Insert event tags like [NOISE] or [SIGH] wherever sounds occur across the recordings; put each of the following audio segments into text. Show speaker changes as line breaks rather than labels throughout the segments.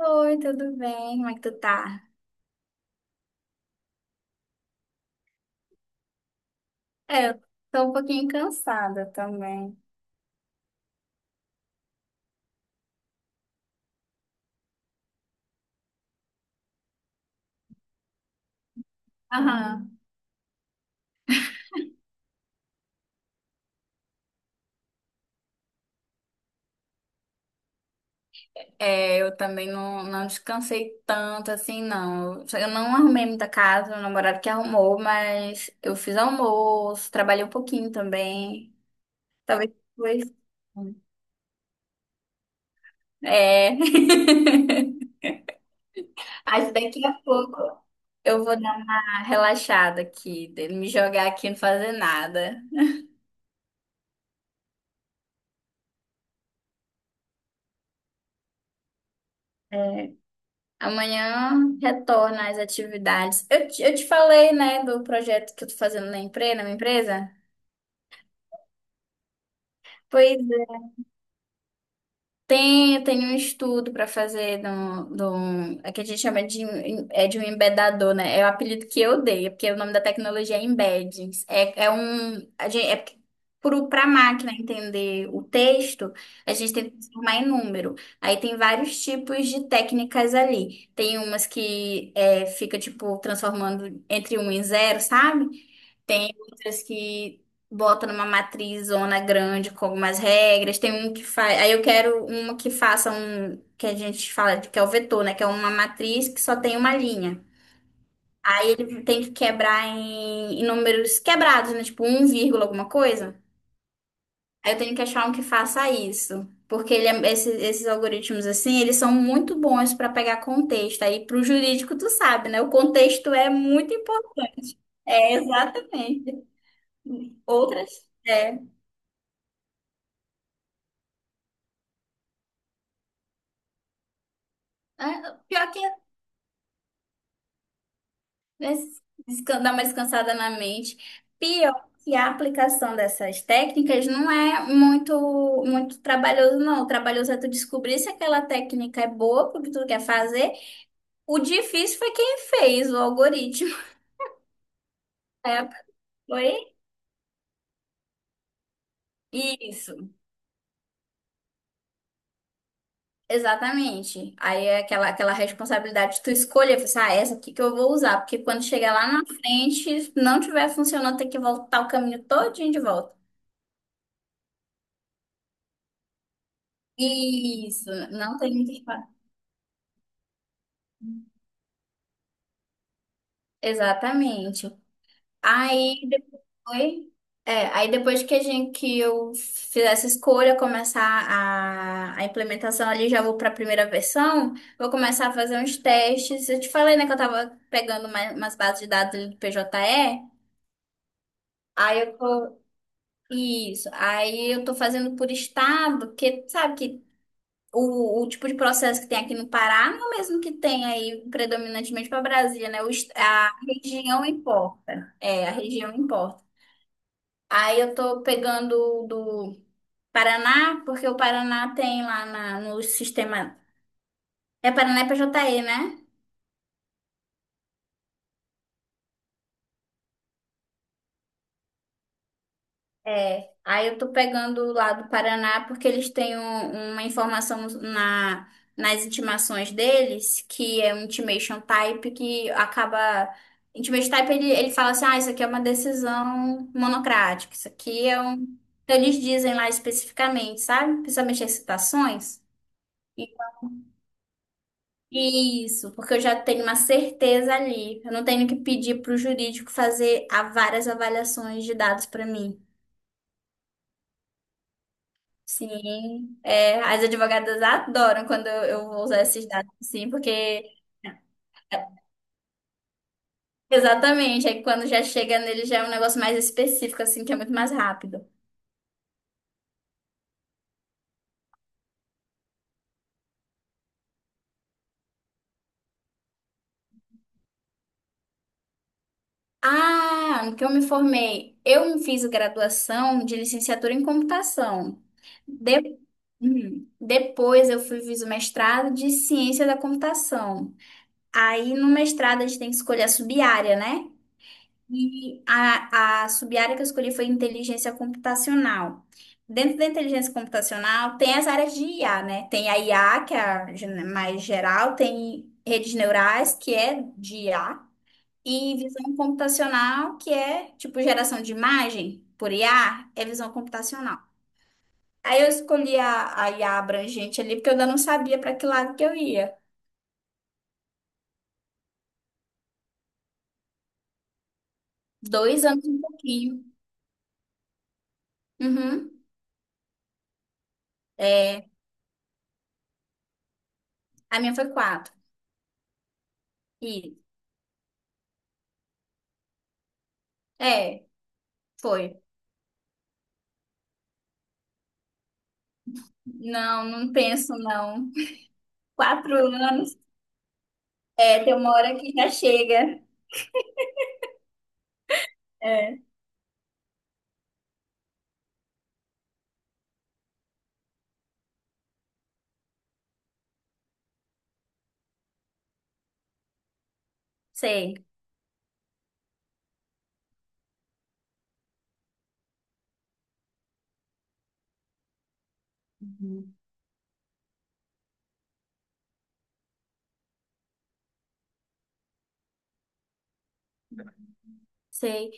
Oi, tudo bem? Como é que tu tá? É, eu tô um pouquinho cansada também. Aham. É, eu também não descansei tanto assim, não. Eu não arrumei muita casa, meu namorado que arrumou, mas eu fiz almoço, trabalhei um pouquinho também. Talvez depois. É. [LAUGHS] Acho daqui a pouco eu vou dar uma relaxada aqui, de me jogar aqui e não fazer nada. É. Amanhã retorna às atividades. Eu te falei, né, do projeto que eu tô fazendo na empresa, na minha empresa? Pois Tem, tem um estudo para fazer é que a gente chama de um embedador, né? É o apelido que eu dei, é porque o nome da tecnologia é embedding. É, é um, a gente, é Para a máquina entender o texto, a gente tem que transformar em número. Aí tem vários tipos de técnicas ali. Tem umas que fica tipo transformando entre um e zero, sabe? Tem outras que Botam numa matriz zona grande com algumas regras. Tem um que faz. Aí eu quero uma que faça que a gente que é o vetor, né? Que é uma matriz que só tem uma linha. Aí ele tem que quebrar em números quebrados, né? Tipo um vírgula alguma coisa. Aí eu tenho que achar um que faça isso. Porque esses algoritmos, assim, eles são muito bons para pegar contexto. Aí, para o jurídico, tu sabe, né? O contexto é muito importante. É, exatamente. Outras. É. É, pior que é dar uma descansada na mente. Pior que a aplicação dessas técnicas não é muito trabalhoso, não. O trabalhoso é tu descobrir se aquela técnica é boa porque tu quer fazer. O difícil foi quem fez o algoritmo. [LAUGHS] É, foi isso. Exatamente. Aí é aquela responsabilidade de tu escolher, pensar, ah, essa aqui que eu vou usar, porque quando chegar lá na frente, se não tiver funcionando, tem que voltar o caminho todinho de volta. Isso, não tem muito. Exatamente. Aí depois, é, aí depois que a gente que eu fizesse escolha, começar a implementação ali, já vou para a primeira versão, vou começar a fazer uns testes. Eu te falei, né, que eu tava pegando umas bases de dados ali do PJE. Aí eu tô, isso, aí eu tô fazendo por estado, porque sabe que o tipo de processo que tem aqui no Pará não é o mesmo que tem aí predominantemente para Brasília, né? A região importa. É, a região importa. Aí eu tô pegando o do Paraná, porque o Paraná tem no sistema. É Paraná e PJE, né? É, aí eu tô pegando lá do Paraná porque eles têm uma informação nas intimações deles, que é um intimation type que acaba. Intimation type ele fala assim: ah, isso aqui é uma decisão monocrática, isso aqui é um. Então eles dizem lá especificamente, sabe? Principalmente as citações. E- Isso, porque eu já tenho uma certeza ali. Eu não tenho que pedir para o jurídico fazer a várias avaliações de dados para mim. Sim, é, as advogadas adoram quando eu vou usar esses dados, sim, porque exatamente, é que quando já chega nele já é um negócio mais específico, assim, que é muito mais rápido. Ah, no que eu me formei, eu fiz graduação de licenciatura em computação. De- Depois eu fui, fiz o mestrado de ciência da computação. Aí no mestrado a gente tem que escolher a sub-área, né? E a sub-área que eu escolhi foi inteligência computacional. Dentro da inteligência computacional, tem as áreas de IA, né? Tem a IA, que é a mais geral, tem redes neurais, que é de IA, e visão computacional, que é tipo geração de imagem por IA, é visão computacional. Aí eu escolhi a IA abrangente ali, porque eu ainda não sabia para que lado que eu ia. Dois anos e um pouquinho. Uhum. É, a minha foi quatro. E, é, Foi. Não, não penso, não. Quatro anos, é, tem uma hora que já chega. É, sei. Uhum. Sei.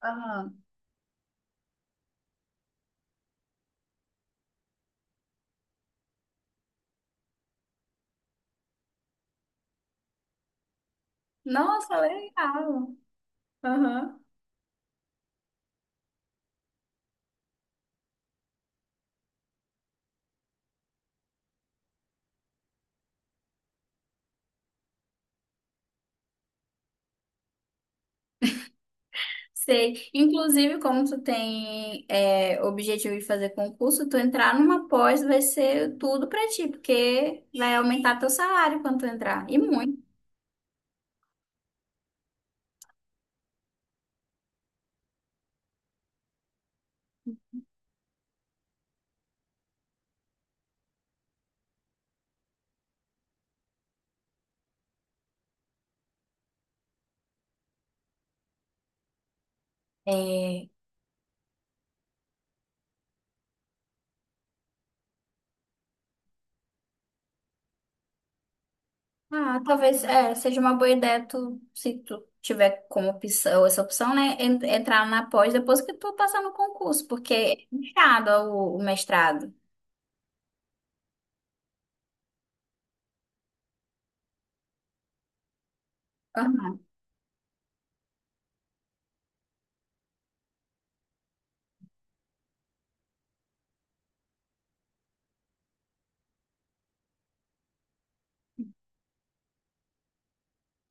Aham. Nossa, legal. Aham. Sei. Inclusive, como tu tem é, objetivo de fazer concurso, tu entrar numa pós vai ser tudo pra ti, porque vai aumentar teu salário quando tu entrar. E muito. É, ah, talvez é, seja uma boa ideia tu, se tu tiver como opção, essa opção, né, entrar na pós depois que tu passar no concurso, porque é puxado o mestrado. Aham.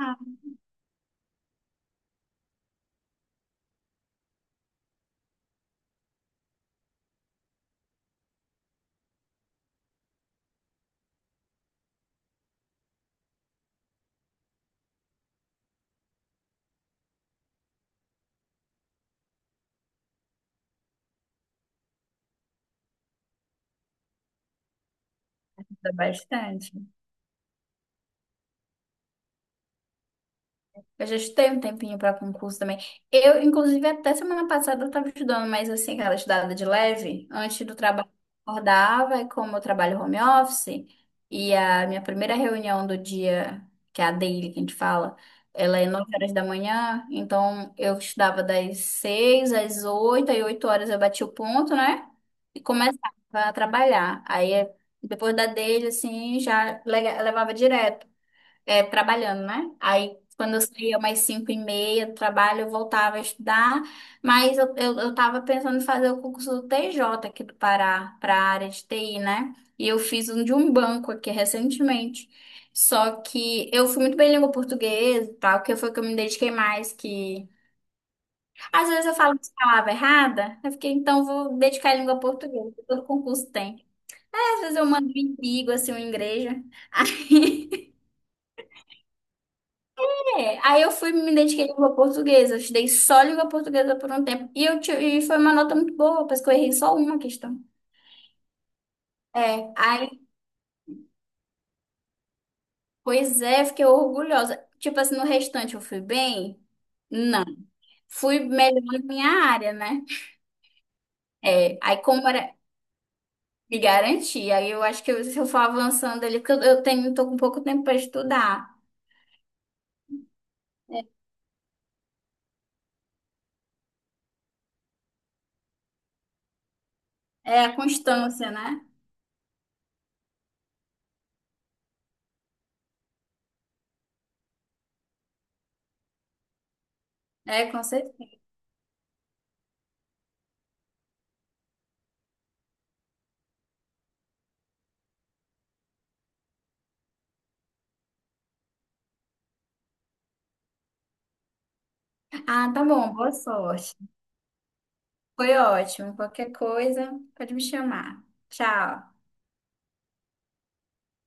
Ah, dá bastante. Eu já estudei um tempinho para concurso também. Eu, inclusive, até semana passada eu estava estudando, mas assim, aquela estudada de leve, antes do trabalho, eu acordava, e como eu trabalho home office, e a minha primeira reunião do dia, que é a daily que a gente fala, ela é 9 horas da manhã, então eu estudava das 6 às 8, aí 8 horas eu bati o ponto, né? E começava a trabalhar. Aí, depois da daily, assim, já levava direto, é, trabalhando, né? Aí, quando eu saía mais 5 e meia do trabalho, eu voltava a estudar, mas eu tava pensando em fazer o concurso do TJ aqui do Pará, para a área de TI, né? E eu fiz um de um banco aqui recentemente. Só que eu fui muito bem em língua portuguesa e tal, que foi o que eu me dediquei mais, que... Às vezes eu falo uma palavra errada, eu fiquei, então vou dedicar em língua portuguesa, todo concurso tem. Às vezes eu mando um inimigo, assim, uma igreja. É, aí eu fui me dediquei à língua portuguesa, eu estudei só língua portuguesa por um tempo e, e foi uma nota muito boa, parece que eu errei só uma questão. É, aí, pois é, fiquei orgulhosa. Tipo assim, no restante eu fui bem? Não. Fui melhor na minha área, né? É, aí como era me garantir, aí eu acho se eu for avançando ali, porque eu tenho, tô com pouco tempo para estudar. É, é a constância, né? É, com certeza. Ah, tá bom, boa sorte. Foi ótimo. Qualquer coisa, pode me chamar. Tchau.